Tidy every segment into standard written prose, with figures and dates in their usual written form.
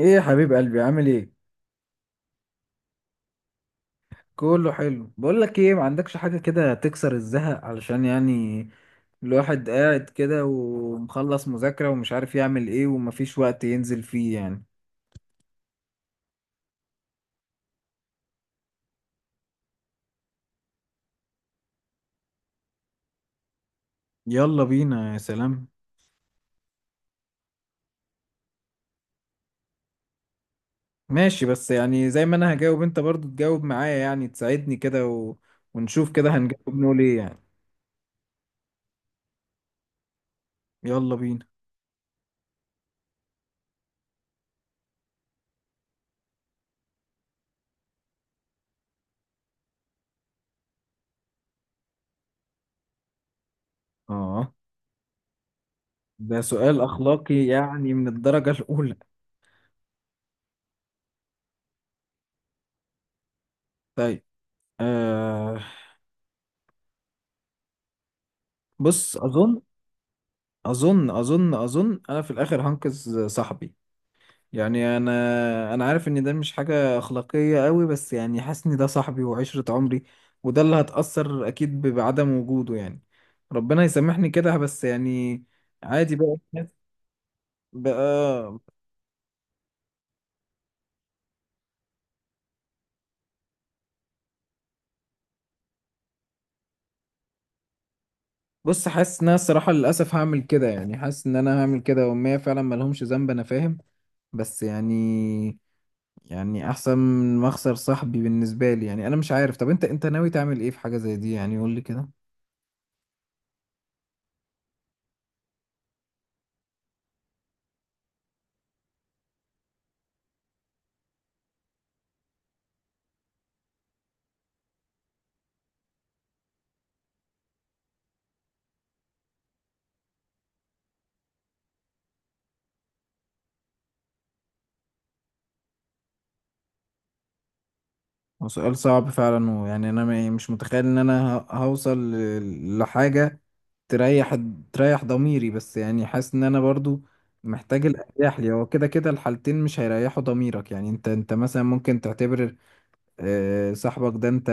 ايه يا حبيب قلبي، عامل ايه؟ كله حلو. بقول لك ايه، ما عندكش حاجه كده تكسر الزهق؟ علشان يعني الواحد قاعد كده ومخلص مذاكره ومش عارف يعمل ايه ومفيش وقت ينزل فيه يعني. يلا بينا، يا سلام. ماشي، بس يعني زي ما انا هجاوب، انت برضو تجاوب معايا يعني، تساعدني كده و... ونشوف كده، هنجاوب نقول ايه يعني. يلا بينا. اه، ده سؤال اخلاقي يعني، من الدرجه الاولى. طيب. آه. بص، اظن. اظن انا في الاخر هنقذ صاحبي. يعني انا عارف ان ده مش حاجه اخلاقيه قوي، بس يعني حاسس ان ده صاحبي وعشره عمري، وده اللي هتاثر اكيد بعدم وجوده يعني. ربنا يسامحني كده، بس يعني عادي بقى. بص، حاسس ان انا الصراحه للاسف هعمل كده، يعني حاسس ان انا هعمل كده، وما فعلا ملهمش ذنب، انا فاهم. بس يعني احسن من ما اخسر صاحبي بالنسبه لي يعني. انا مش عارف، طب انت ناوي تعمل ايه في حاجه زي دي يعني؟ قول لي كده. هو سؤال صعب فعلا، ويعني انا مش متخيل ان انا هوصل لحاجه تريح. تريح ضميري، بس يعني حاسس ان انا برضو محتاج الاريح لي. هو كده كده الحالتين مش هيريحوا ضميرك يعني. انت مثلا ممكن تعتبر صاحبك ده انت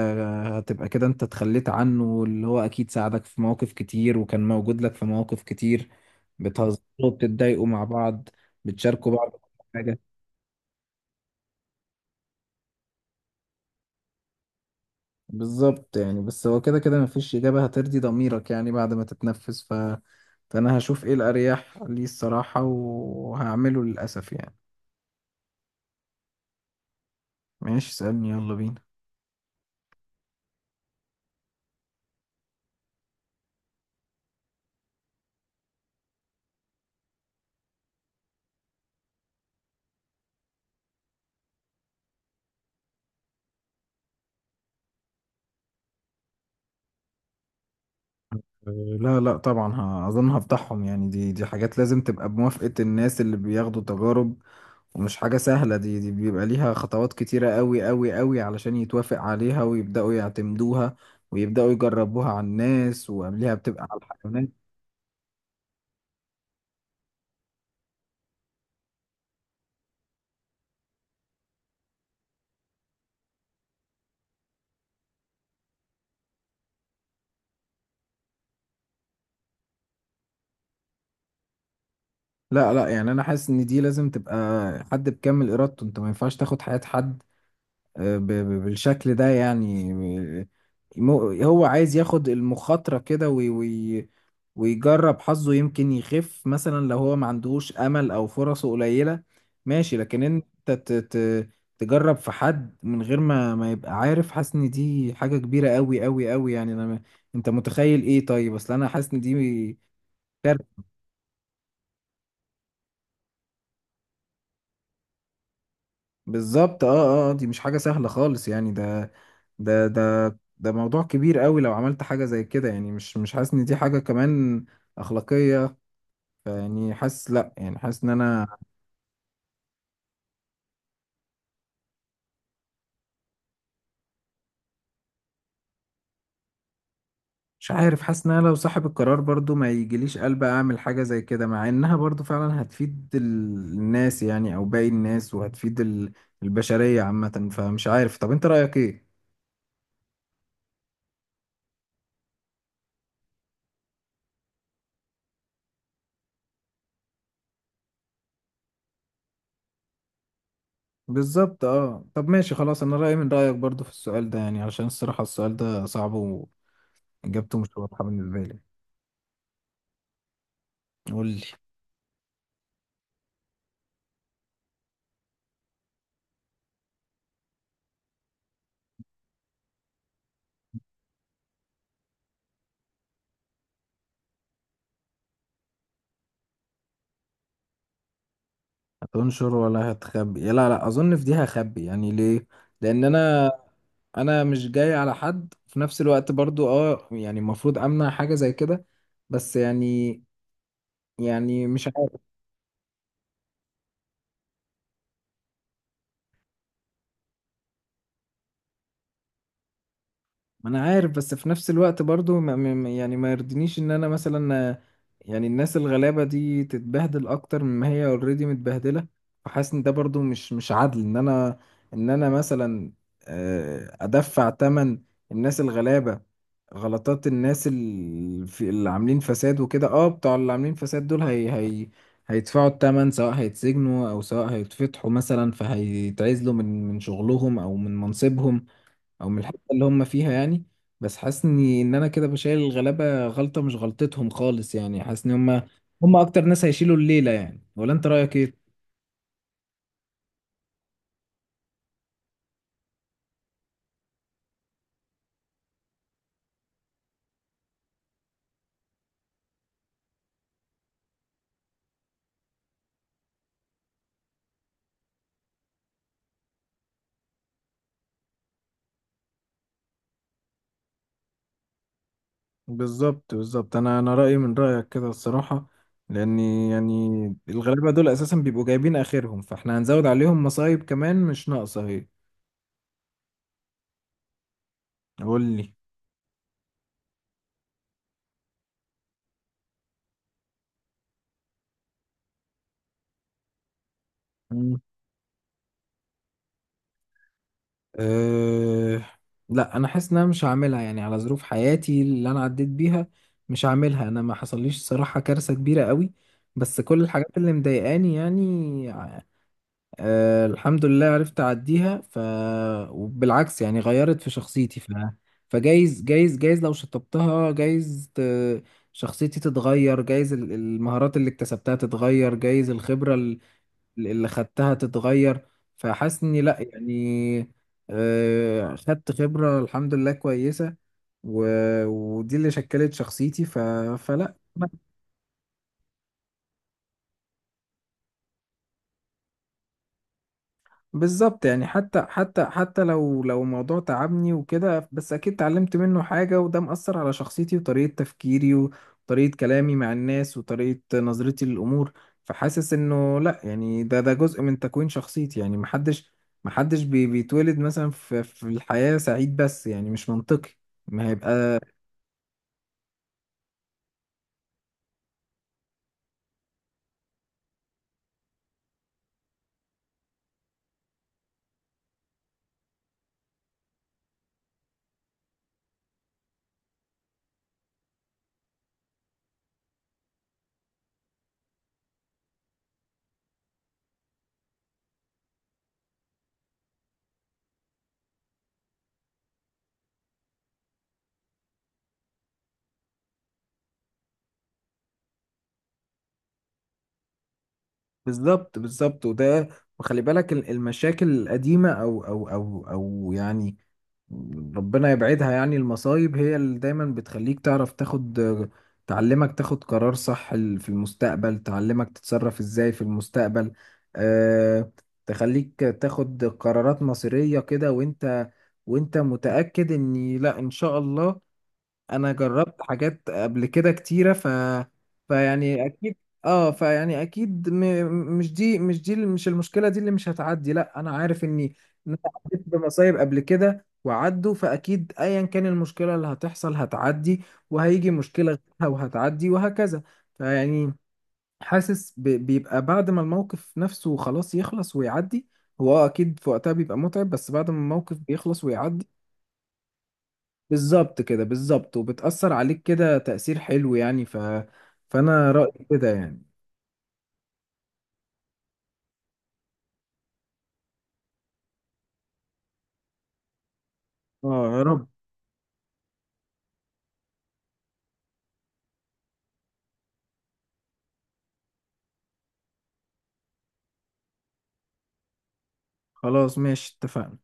هتبقى كده انت اتخليت عنه، اللي هو اكيد ساعدك في مواقف كتير، وكان موجود لك في مواقف كتير، بتهزروا وبتتضايقوا مع بعض، بتشاركوا بعض كل حاجة. بالظبط يعني. بس هو كده كده مفيش إجابة هترضي ضميرك يعني، بعد ما تتنفس ف... فأنا هشوف إيه الأريح لي الصراحة وهعمله للأسف يعني. ماشي، اسألني، يلا بينا. أه، لا لا طبعا، اظن هفضحهم يعني. دي حاجات لازم تبقى بموافقة الناس اللي بياخدوا تجارب. ومش حاجة سهلة، دي بيبقى ليها خطوات كتيرة قوي قوي قوي علشان يتوافق عليها ويبدأوا يعتمدوها، ويبدأوا يجربوها على الناس، وقبلها بتبقى على الحيوانات. لا لا يعني، أنا حاسس إن دي لازم تبقى حد بكامل إرادته. أنت ما ينفعش تاخد حياة حد بالشكل ده يعني. هو عايز ياخد المخاطرة كده وي وي ويجرب حظه، يمكن يخف مثلا لو هو ما عندهوش أمل أو فرصه قليلة، ماشي. لكن أنت ت ت تجرب في حد من غير ما يبقى عارف، حاسس إن دي حاجة كبيرة أوي أوي أوي يعني. أنا أنت متخيل إيه؟ طيب، أصل أنا حاسس إن دي كارثة. بالظبط، أه أه، دي مش حاجة سهلة خالص يعني. ده ده ده موضوع كبير أوي لو عملت حاجة زي كده يعني. مش حاسس إن دي حاجة كمان أخلاقية. فيعني حاسس لا يعني، حاسس ان انا مش عارف. حاسس ان انا لو صاحب القرار برضو ما يجيليش قلب اعمل حاجة زي كده، مع انها برضو فعلا هتفيد الناس يعني، او باقي الناس، وهتفيد البشرية عامة. فمش عارف، طب انت رأيك ايه؟ بالظبط، اه. طب ماشي خلاص، انا رأيي من رأيك برضو في السؤال ده يعني، علشان الصراحة السؤال ده صعب واجابته مش واضحة بالنسبة لي. قول لي. هتنشر ولا هتخبي؟ لا لا، اظن في دي هخبي يعني. ليه؟ لان انا، مش جاي على حد في نفس الوقت برضو، اه. يعني المفروض امنع حاجة زي كده، بس يعني، مش عارف. ما انا عارف، بس في نفس الوقت برضو يعني ما يرضينيش ان انا مثلا يعني الناس الغلابة دي تتبهدل اكتر مما هي اوريدي متبهدلة. فحاسس ان ده برضو مش عدل، ان انا، مثلا ادفع تمن الناس الغلابة، غلطات الناس اللي عاملين فساد وكده. اه، بتوع اللي عاملين فساد دول هي هيدفعوا التمن، سواء هيتسجنوا او سواء هيتفتحوا مثلا، فهيتعزلوا من شغلهم او من منصبهم او من الحته اللي هم فيها يعني. بس حاسس اني ان انا كده بشيل الغلابه غلطه مش غلطتهم خالص يعني. حاسس ان هم اكتر ناس هيشيلوا الليله يعني، ولا انت رايك ايه؟ بالظبط بالظبط، انا رايي من رايك كده الصراحه، لاني يعني الغلابه دول اساسا بيبقوا جايبين اخرهم، فاحنا هنزود عليهم مصايب كمان مش ناقصه اهي. قول لي. أه، لا، انا حاسس ان انا مش هعملها يعني، على ظروف حياتي اللي انا عديت بيها. مش هعملها. انا ما حصليش صراحة كارثة كبيرة قوي، بس كل الحاجات اللي مضايقاني يعني، أه الحمد لله، عرفت اعديها. ف وبالعكس يعني غيرت في شخصيتي. ف فجايز جايز لو شطبتها جايز شخصيتي تتغير، جايز المهارات اللي اكتسبتها تتغير، جايز الخبرة اللي خدتها تتغير. فحاسس اني لا يعني، خدت خبرة الحمد لله كويسة، و... ودي اللي شكلت شخصيتي، ف... فلا. بالظبط يعني، حتى حتى حتى لو موضوع تعبني وكده، بس اكيد اتعلمت منه حاجة، وده مأثر على شخصيتي وطريقة تفكيري وطريقة كلامي مع الناس وطريقة نظرتي للأمور. فحاسس انه لا يعني، ده جزء من تكوين شخصيتي يعني. محدش بيتولد مثلا في الحياة سعيد، بس يعني مش منطقي ما هيبقى. بالظبط بالظبط، وده، وخلي بالك المشاكل القديمة، او يعني ربنا يبعدها يعني. المصايب هي اللي دايما بتخليك تعرف تاخد، تعلمك تاخد قرار صح في المستقبل، تعلمك تتصرف ازاي في المستقبل. أه، تخليك تاخد قرارات مصيرية كده، وانت، متأكد ان لا ان شاء الله، انا جربت حاجات قبل كده كتيره، ف فيعني اكيد. اه، فيعني اكيد مش المشكله دي اللي مش هتعدي، لا، انا عارف اني، إن أنا عديت بمصايب قبل كده وعدوا، فاكيد ايا كان المشكله اللي هتحصل هتعدي، وهيجي مشكله غيرها وهتعدي، وهكذا. فيعني حاسس بيبقى بعد ما الموقف نفسه خلاص يخلص ويعدي، هو آه اكيد في وقتها بيبقى متعب، بس بعد ما الموقف بيخلص ويعدي بالظبط كده، بالظبط، وبتأثر عليك كده تأثير حلو يعني، ف... فأنا رأيي كده يعني. اه، يا رب. خلاص، ماشي، اتفقنا.